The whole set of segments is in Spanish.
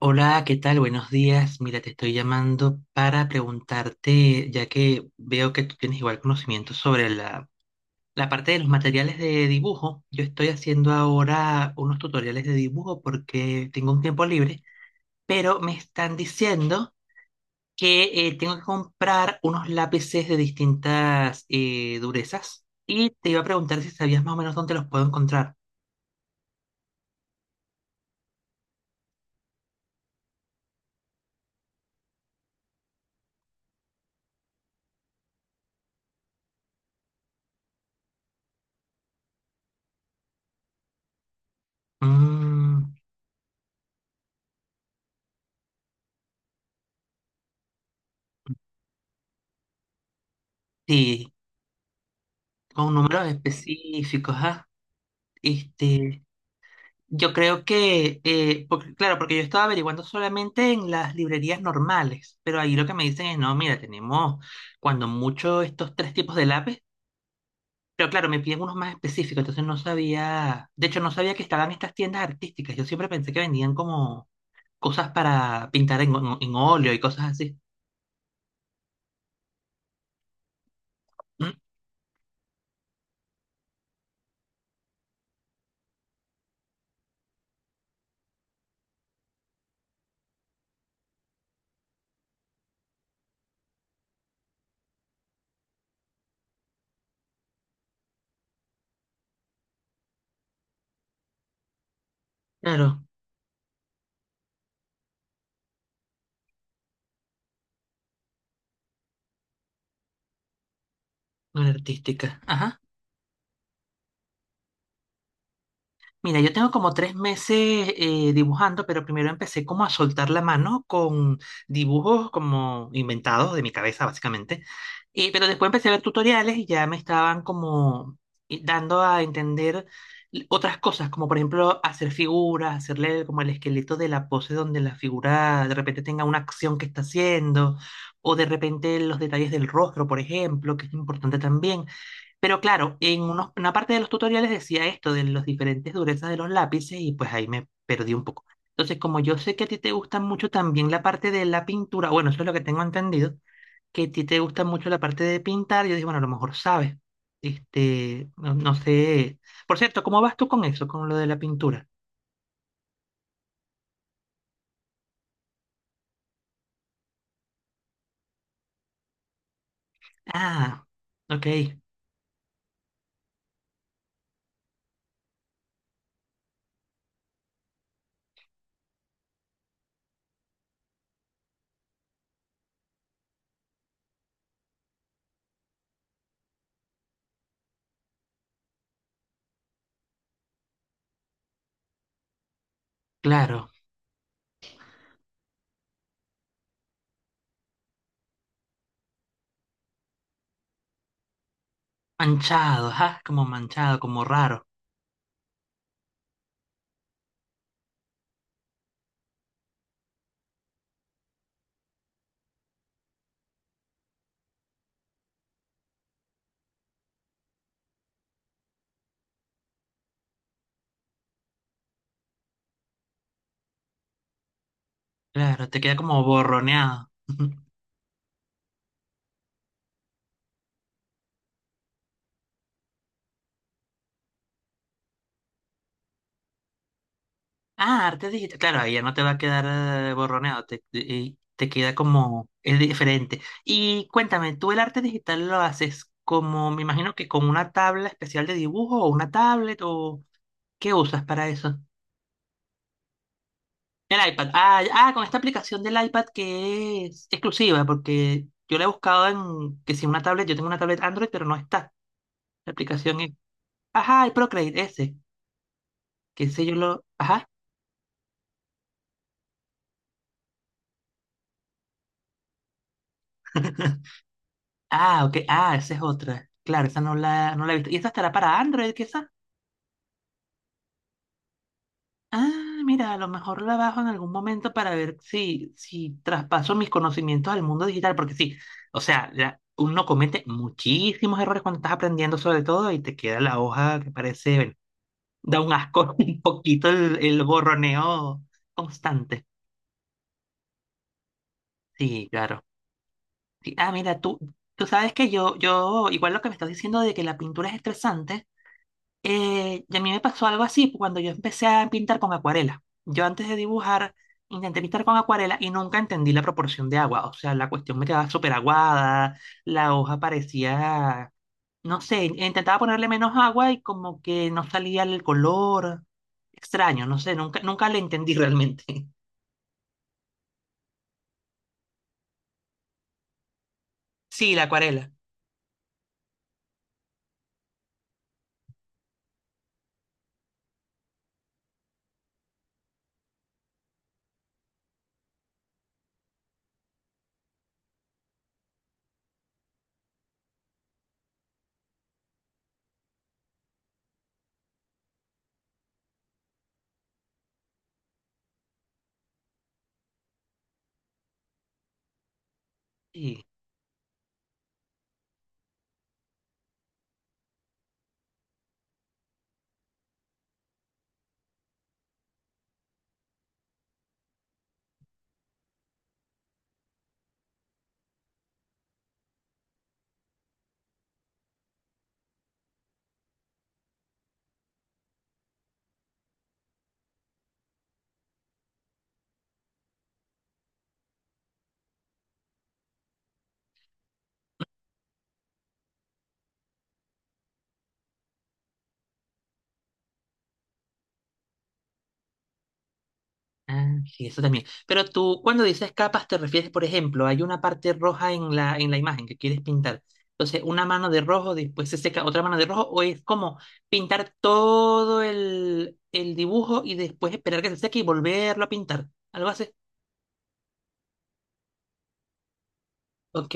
Hola, ¿qué tal? Buenos días. Mira, te estoy llamando para preguntarte, ya que veo que tú tienes igual conocimiento sobre la parte de los materiales de dibujo. Yo estoy haciendo ahora unos tutoriales de dibujo porque tengo un tiempo libre, pero me están diciendo que tengo que comprar unos lápices de distintas durezas y te iba a preguntar si sabías más o menos dónde los puedo encontrar. Mm, sí, con números específicos, ¿ah? Este... Yo creo que, claro, porque yo estaba averiguando solamente en las librerías normales, pero ahí lo que me dicen es, no, mira, tenemos cuando mucho estos tres tipos de lápiz, pero claro, me piden unos más específicos, entonces no sabía, de hecho no sabía que estaban estas tiendas artísticas, yo siempre pensé que vendían como cosas para pintar en óleo y cosas así. Mm, claro, no era artística. Ajá. Mira, yo tengo como tres meses dibujando, pero primero empecé como a soltar la mano con dibujos como inventados de mi cabeza, básicamente. Pero después empecé a ver tutoriales y ya me estaban como dando a entender otras cosas, como por ejemplo hacer figuras, hacerle como el esqueleto de la pose donde la figura de repente tenga una acción que está haciendo, o de repente los detalles del rostro, por ejemplo, que es importante también. Pero claro, en una parte de los tutoriales decía esto de las diferentes durezas de los lápices y pues ahí me perdí un poco. Entonces, como yo sé que a ti te gusta mucho también la parte de la pintura, bueno, eso es lo que tengo entendido, que a ti te gusta mucho la parte de pintar, yo dije, bueno, a lo mejor sabes. Este, no, no sé. Por cierto, ¿cómo vas tú con eso, con lo de la pintura? Ah, ok, claro. Manchado, ajá, como manchado, como raro. Claro, te queda como borroneado. Ah, arte digital. Claro, ahí ya no te va a quedar borroneado, te, y te queda como, es diferente. Y cuéntame, ¿tú el arte digital lo haces como, me imagino que con una tabla especial de dibujo o una tablet o qué usas para eso? El iPad. Ah, con esta aplicación del iPad que es exclusiva, porque yo la he buscado en, que si una tablet, yo tengo una tablet Android, pero no está. La aplicación es, ajá, el Procreate, ese, que sé yo lo, ajá. Ah, ok. Ah, esa es otra. Claro, esa no no la he visto. ¿Y esa estará para Android, quizá? Ah, mira, a lo mejor la bajo en algún momento para ver si, si traspaso mis conocimientos al mundo digital, porque sí, o sea, uno comete muchísimos errores cuando estás aprendiendo sobre todo y te queda la hoja que parece, bueno, da un asco un poquito el borroneo constante. Sí, claro. Sí, ah, mira, tú sabes que yo, igual lo que me estás diciendo de que la pintura es estresante. Y a mí me pasó algo así cuando yo empecé a pintar con acuarela. Yo antes de dibujar intenté pintar con acuarela y nunca entendí la proporción de agua. O sea, la cuestión me quedaba súper aguada, la hoja parecía, no sé, intentaba ponerle menos agua y como que no salía el color. Extraño, no sé, nunca, nunca le entendí realmente. Sí, la acuarela. Sí. Ah, sí, eso también. Pero tú, cuando dices capas, te refieres, por ejemplo, hay una parte roja en en la imagen que quieres pintar. Entonces, una mano de rojo, después se seca otra mano de rojo, o es como pintar todo el dibujo y después esperar que se seque y volverlo a pintar. Algo así. Ok,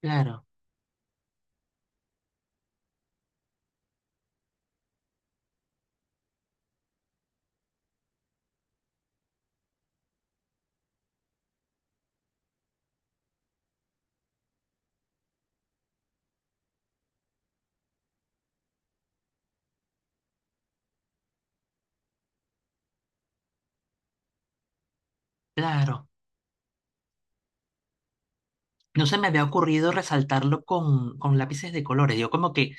claro, claro. No se me había ocurrido resaltarlo con lápices de colores. Yo como que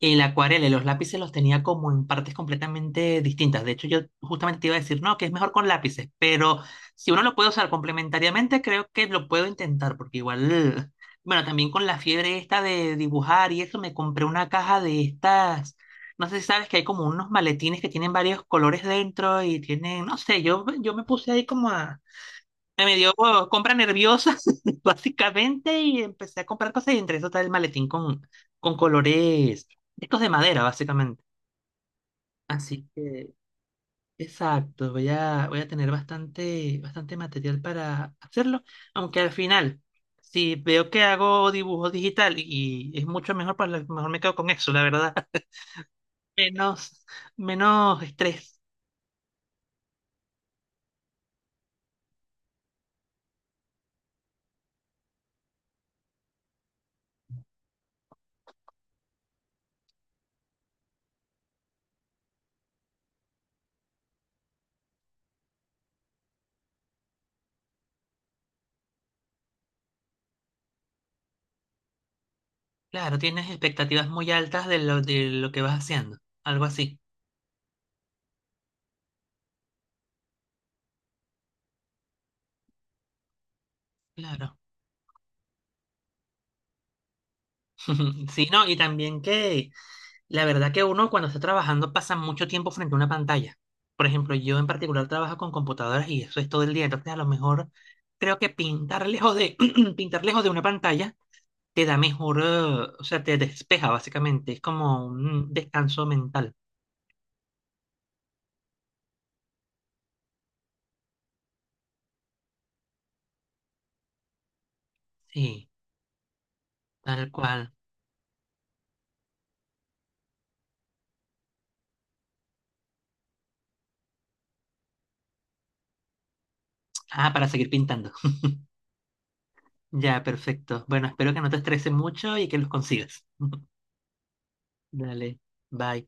el acuarela y los lápices los tenía como en partes completamente distintas. De hecho, yo justamente te iba a decir, no, que es mejor con lápices, pero si uno lo puede usar complementariamente, creo que lo puedo intentar, porque igual, bueno, también con la fiebre esta de dibujar y eso, me compré una caja de estas, no sé si sabes que hay como unos maletines que tienen varios colores dentro y tienen, no sé, yo me puse ahí como a me dio oh, compra nerviosa, básicamente, y empecé a comprar cosas y entre eso está el maletín con colores, estos de madera, básicamente. Así que, exacto, voy a, voy a tener bastante, bastante material para hacerlo, aunque al final, si veo que hago dibujo digital y es mucho mejor, pues a lo mejor me quedo con eso, la verdad. Menos, menos estrés. Claro, tienes expectativas muy altas de lo que vas haciendo, algo así. Claro. Ujú, sí, no, y también que la verdad que uno cuando está trabajando pasa mucho tiempo frente a una pantalla. Por ejemplo, yo en particular trabajo con computadoras y eso es todo el día. Entonces, a lo mejor creo que pintar lejos de pintar lejos de una pantalla te da mejor, o sea, te despeja básicamente. Es como un descanso mental. Sí, tal cual. Ah, para seguir pintando. Ya, perfecto. Bueno, espero que no te estrese mucho y que los consigas. Dale, bye.